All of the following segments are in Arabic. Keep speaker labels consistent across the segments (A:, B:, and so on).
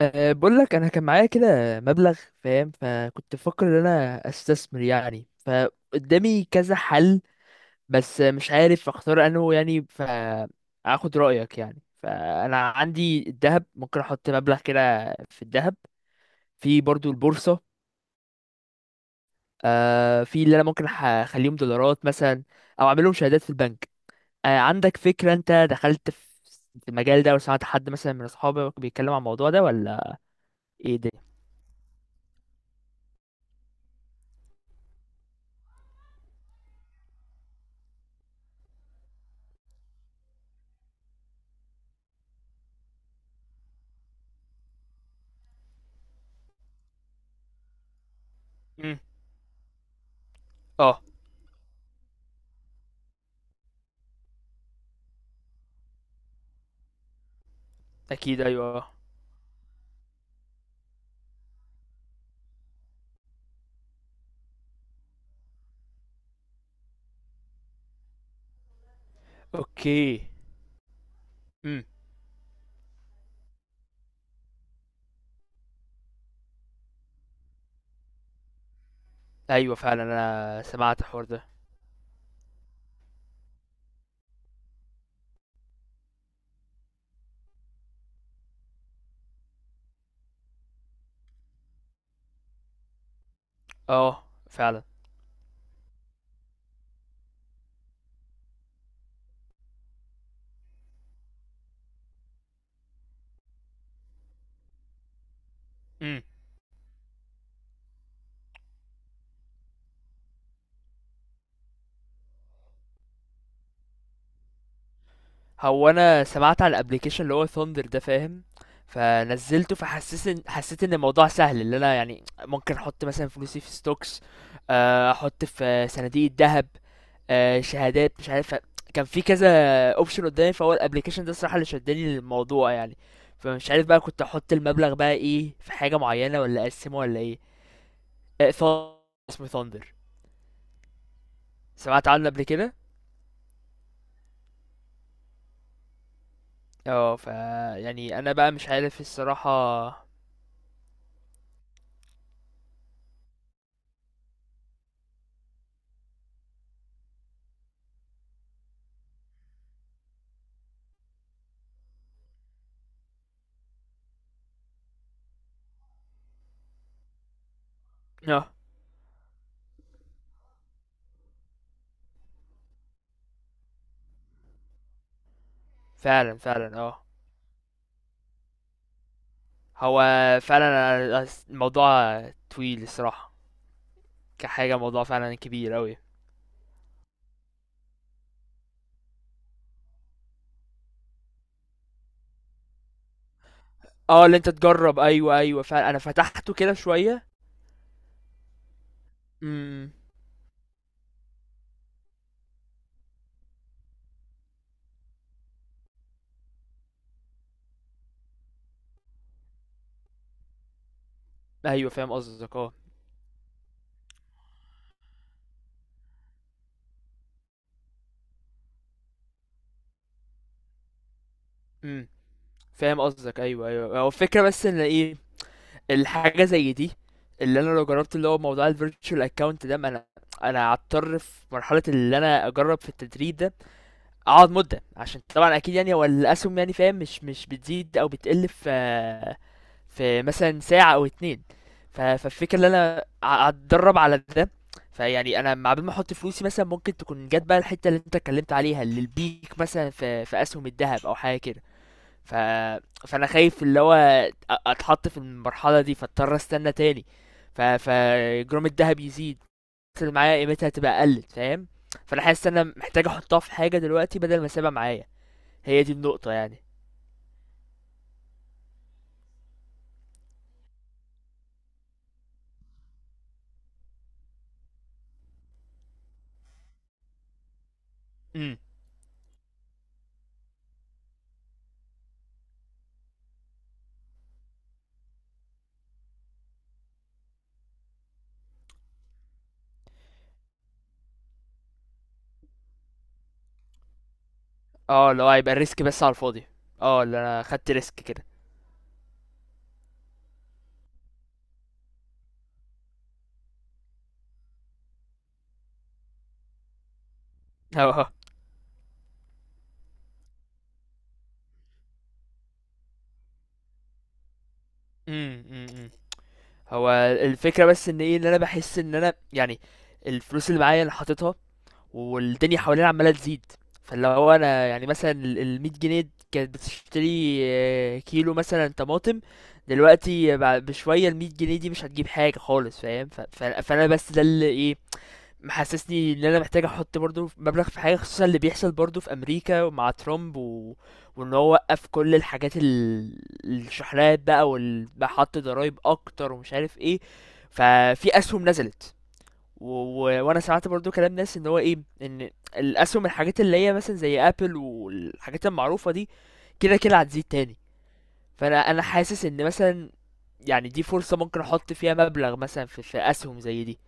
A: بقول لك انا كان معايا كده مبلغ، فاهم؟ فكنت بفكر ان انا استثمر يعني، فقدامي كذا حل بس مش عارف اختار انه يعني، فاخد رايك يعني. فانا عندي الذهب، ممكن احط مبلغ كده في الذهب، في برضو البورصه. في اللي انا ممكن اخليهم دولارات مثلا، او اعملهم شهادات في البنك. عندك فكره؟ انت دخلت في المجال ده، وسمعت حد مثلا من اصحابك بيتكلم عن الموضوع ده ولا؟ ايه ده؟ مم. اه. اكيد ايوه. اوكي. امم ايوه فعلا، انا سمعت الحوار ده. اه فعلا. امم هو انا سمعت على الابليكيشن اللي هو ثاندر ده، فاهم؟ فنزلته فحسيت ان حسيت ان الموضوع سهل، اللي انا يعني ممكن احط مثلا فلوسي في ستوكس، احط في صناديق الذهب، شهادات، مش عارف. كان في كذا اوبشن قدامي، فهو الابليكيشن ده الصراحه اللي شدني للموضوع يعني. فمش عارف بقى، كنت احط المبلغ بقى ايه؟ في حاجه معينه ولا اقسمه ولا ايه؟ آه، ث- اسمه ثاندر. سمعت عنه قبل كده؟ اه. ف يعني انا بقى مش عارف الصراحة. اه فعلا فعلا، اه. هو فعلا الموضوع طويل الصراحة، كحاجة، موضوع فعلا كبير اوي. اه اللي انت تجرب، ايوه ايوه فعلا، انا فتحته كده شوية. امم ايوه فاهم قصدك، اه. امم فاهم قصدك، ايوه ايوه. هو الفكرة بس ان ايه، الحاجة زي دي، اللي انا لو جربت اللي هو موضوع الفيرتشوال اكونت ده، ما انا هضطر في مرحلة اللي انا اجرب في التدريب ده اقعد مدة، عشان طبعا اكيد يعني هو الاسهم يعني فاهم مش بتزيد او بتقل في مثلا ساعة او اتنين. فالفكرة ان انا اتدرب على ده، فيعني انا مع بال ما احط فلوسي مثلا ممكن تكون جت بقى الحتة اللي انت اتكلمت عليها، اللي البيك مثلا في اسهم الذهب او حاجة كده. ف فانا خايف اللي هو اتحط في المرحلة دي فاضطر استنى تاني، ف فجرام الذهب يزيد اللي معايا قيمتها تبقى قلت، فاهم؟ فانا حاسس ان انا محتاج احطها في حاجه دلوقتي بدل ما اسيبها معايا، هي دي النقطه يعني. امم اه اللي هو هيبقى الريسك بس على الفاضي، اه اللي انا خدت ريسك كده. اه. أمم، أمم. هو الفكره بس ان ايه، ان انا بحس ان انا يعني الفلوس اللي معايا انا حاططها والدنيا حوالينا عمالة تزيد. فاللي هو انا يعني مثلا ال 100 جنيه كانت بتشتري كيلو مثلا طماطم، دلوقتي بعد بشوية ال 100 جنيه دي مش هتجيب حاجة خالص، فاهم؟ فانا بس ده اللي ايه محسسني ان انا محتاج احط برضو مبلغ في حاجة، خصوصا اللي بيحصل برضو في امريكا مع ترامب و... وان هو وقف كل الحاجات ال... الشحنات بقى وحط ضرايب اكتر ومش عارف ايه. ففي اسهم نزلت، و... و... وانا سمعت برضو كلام ناس ان هو ايه، ان الاسهم، الحاجات اللي هي مثلا زي ابل والحاجات المعروفه دي كده كده هتزيد تاني. فانا انا حاسس ان مثلا يعني دي فرصه ممكن احط فيها مبلغ مثلا في, في اسهم زي دي.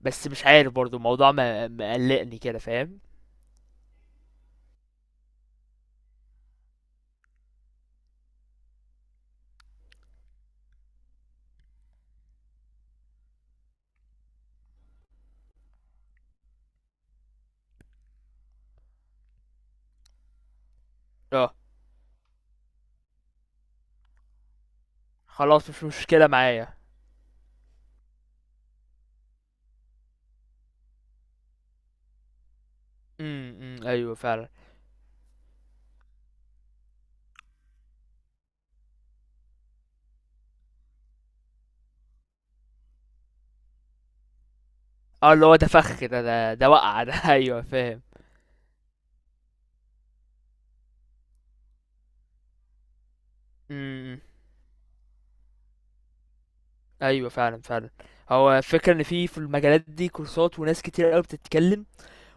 A: بس مش عارف برضو الموضوع مقلقني كده، فاهم؟ اه خلاص مش مشكله معايا. أمم، ايوه فعلا اه، اللي هو ده فخ، ده ده وقع ده. ايوه فاهم. امم ايوه فعلا فعلا. هو الفكره ان في المجالات دي كورسات وناس كتير قوي بتتكلم،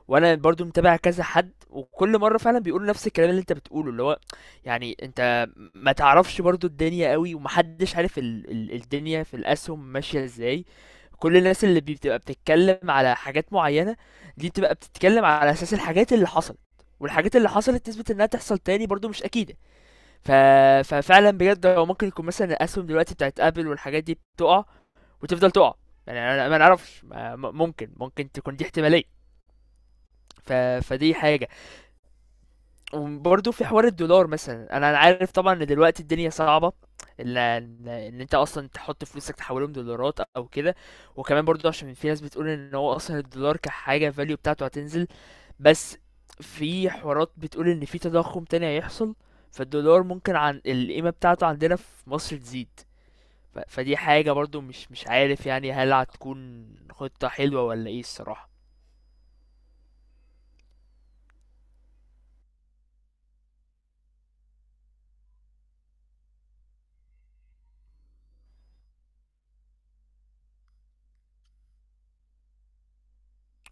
A: وانا برضو متابع كذا حد، وكل مره فعلا بيقولوا نفس الكلام اللي انت بتقوله، اللي هو يعني انت ما تعرفش برضو الدنيا قوي، ومحدش عارف ال الدنيا في الاسهم ماشيه ازاي. كل الناس اللي بتبقى بتتكلم على حاجات معينه دي، بتبقى بتتكلم على اساس الحاجات اللي حصلت، والحاجات اللي حصلت تثبت انها تحصل تاني برضو مش اكيده. ف... ففعلا بجد هو ممكن يكون مثلا الاسهم دلوقتي بتاعت ابل والحاجات دي بتقع وتفضل تقع، يعني انا ما نعرفش، ممكن ممكن تكون دي احتماليه. ف... فدي حاجه. وبرضه في حوار الدولار مثلا، انا عارف طبعا ان دلوقتي الدنيا صعبه، ان إن انت اصلا تحط فلوسك تحولهم دولارات او كده، وكمان برضه عشان في ناس بتقول ان هو اصلا الدولار كحاجه فاليو بتاعته هتنزل، بس في حوارات بتقول ان في تضخم تاني هيحصل، فالدولار ممكن عن القيمه بتاعته عندنا في مصر تزيد. ف... فدي حاجه برضه مش عارف يعني هل هتكون خطه حلوه ولا ايه الصراحه.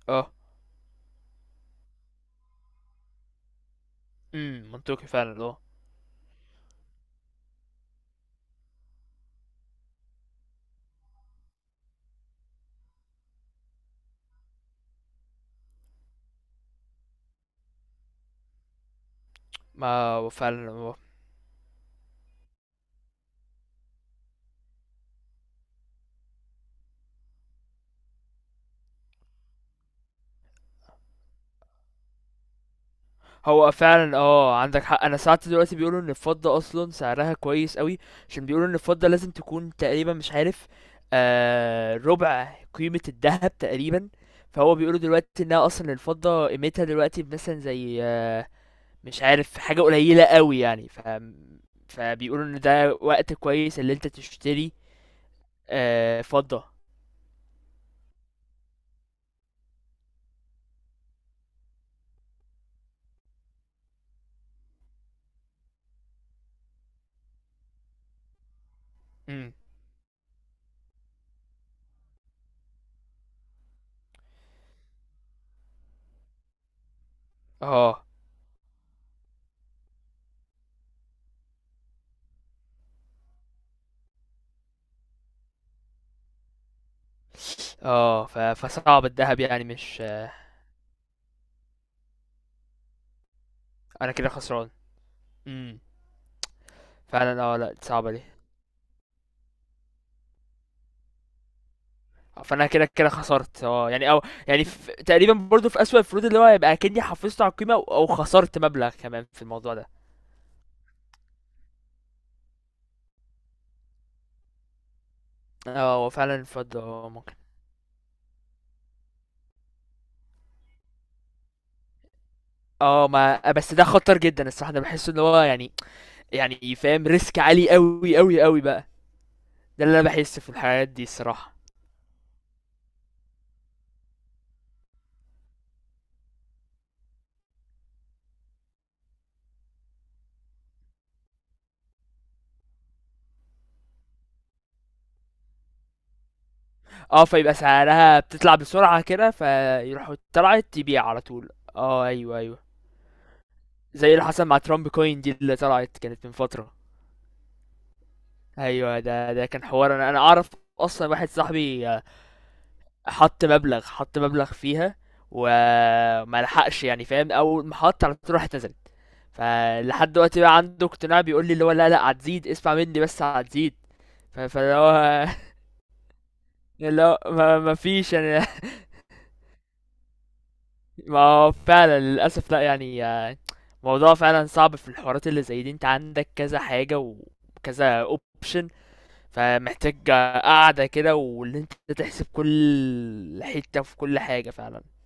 A: اه منطقي فعلا، اه. ما هو فعلا آه. هو فعلًا عندك حق. أنا ساعات دلوقتي بيقولوا إن الفضة أصلًا سعرها كويس أوي، عشان بيقولوا إن الفضة لازم تكون تقريبًا مش عارف ربع قيمة الدهب تقريبًا، فهو بيقولوا دلوقتي إنها أصلًا الفضة قيمتها دلوقتي مثلًا زي آه مش عارف حاجة قليلة أوي يعني، فبيقولوا إن ده وقت كويس اللي أنت تشتري. فضة. إمم، آه، آه، ف فصعب الدهب يعني مش آه. أنا كده خسران. إمم، فعلًا لأ، صعبة دي. فانا كده كده خسرت اه، يعني او يعني في تقريبا برضو في اسوأ الفروض اللي هو هيبقى اكني حافظت على القيمه او أو خسرت مبلغ كمان في الموضوع ده. اه هو فعلا الفضل اه ممكن. اه، ما بس ده خطر جدا الصراحه، انا بحس ان هو يعني يعني فاهم ريسك عالي قوي قوي قوي بقى، ده اللي انا بحس في الحاجات دي الصراحه. اه فيبقى سعرها بتطلع بسرعه كده فيروحوا طلعت تبيع على طول. اه ايوه ايوه. زي اللي حصل مع ترامب كوين دي اللي طلعت كانت من فتره. ايوه ده كان حوار، انا اعرف اصلا، واحد صاحبي حط مبلغ فيها وما لحقش، يعني فاهم اول ما حط على طول راحت نزلت، فلحد دلوقتي بقى عنده اقتناع بيقول لي اللي هو لا هتزيد، اسمع مني بس هتزيد. فاللي هو اللي هو ما فيش يعني. ما هو فعلا للاسف لا يعني، موضوع فعلا صعب. في الحوارات اللي زي دي انت عندك كذا حاجة وكذا اوبشن، فمحتاج قاعدة كده واللي انت تحسب كل حتة في كل حاجة فعلا.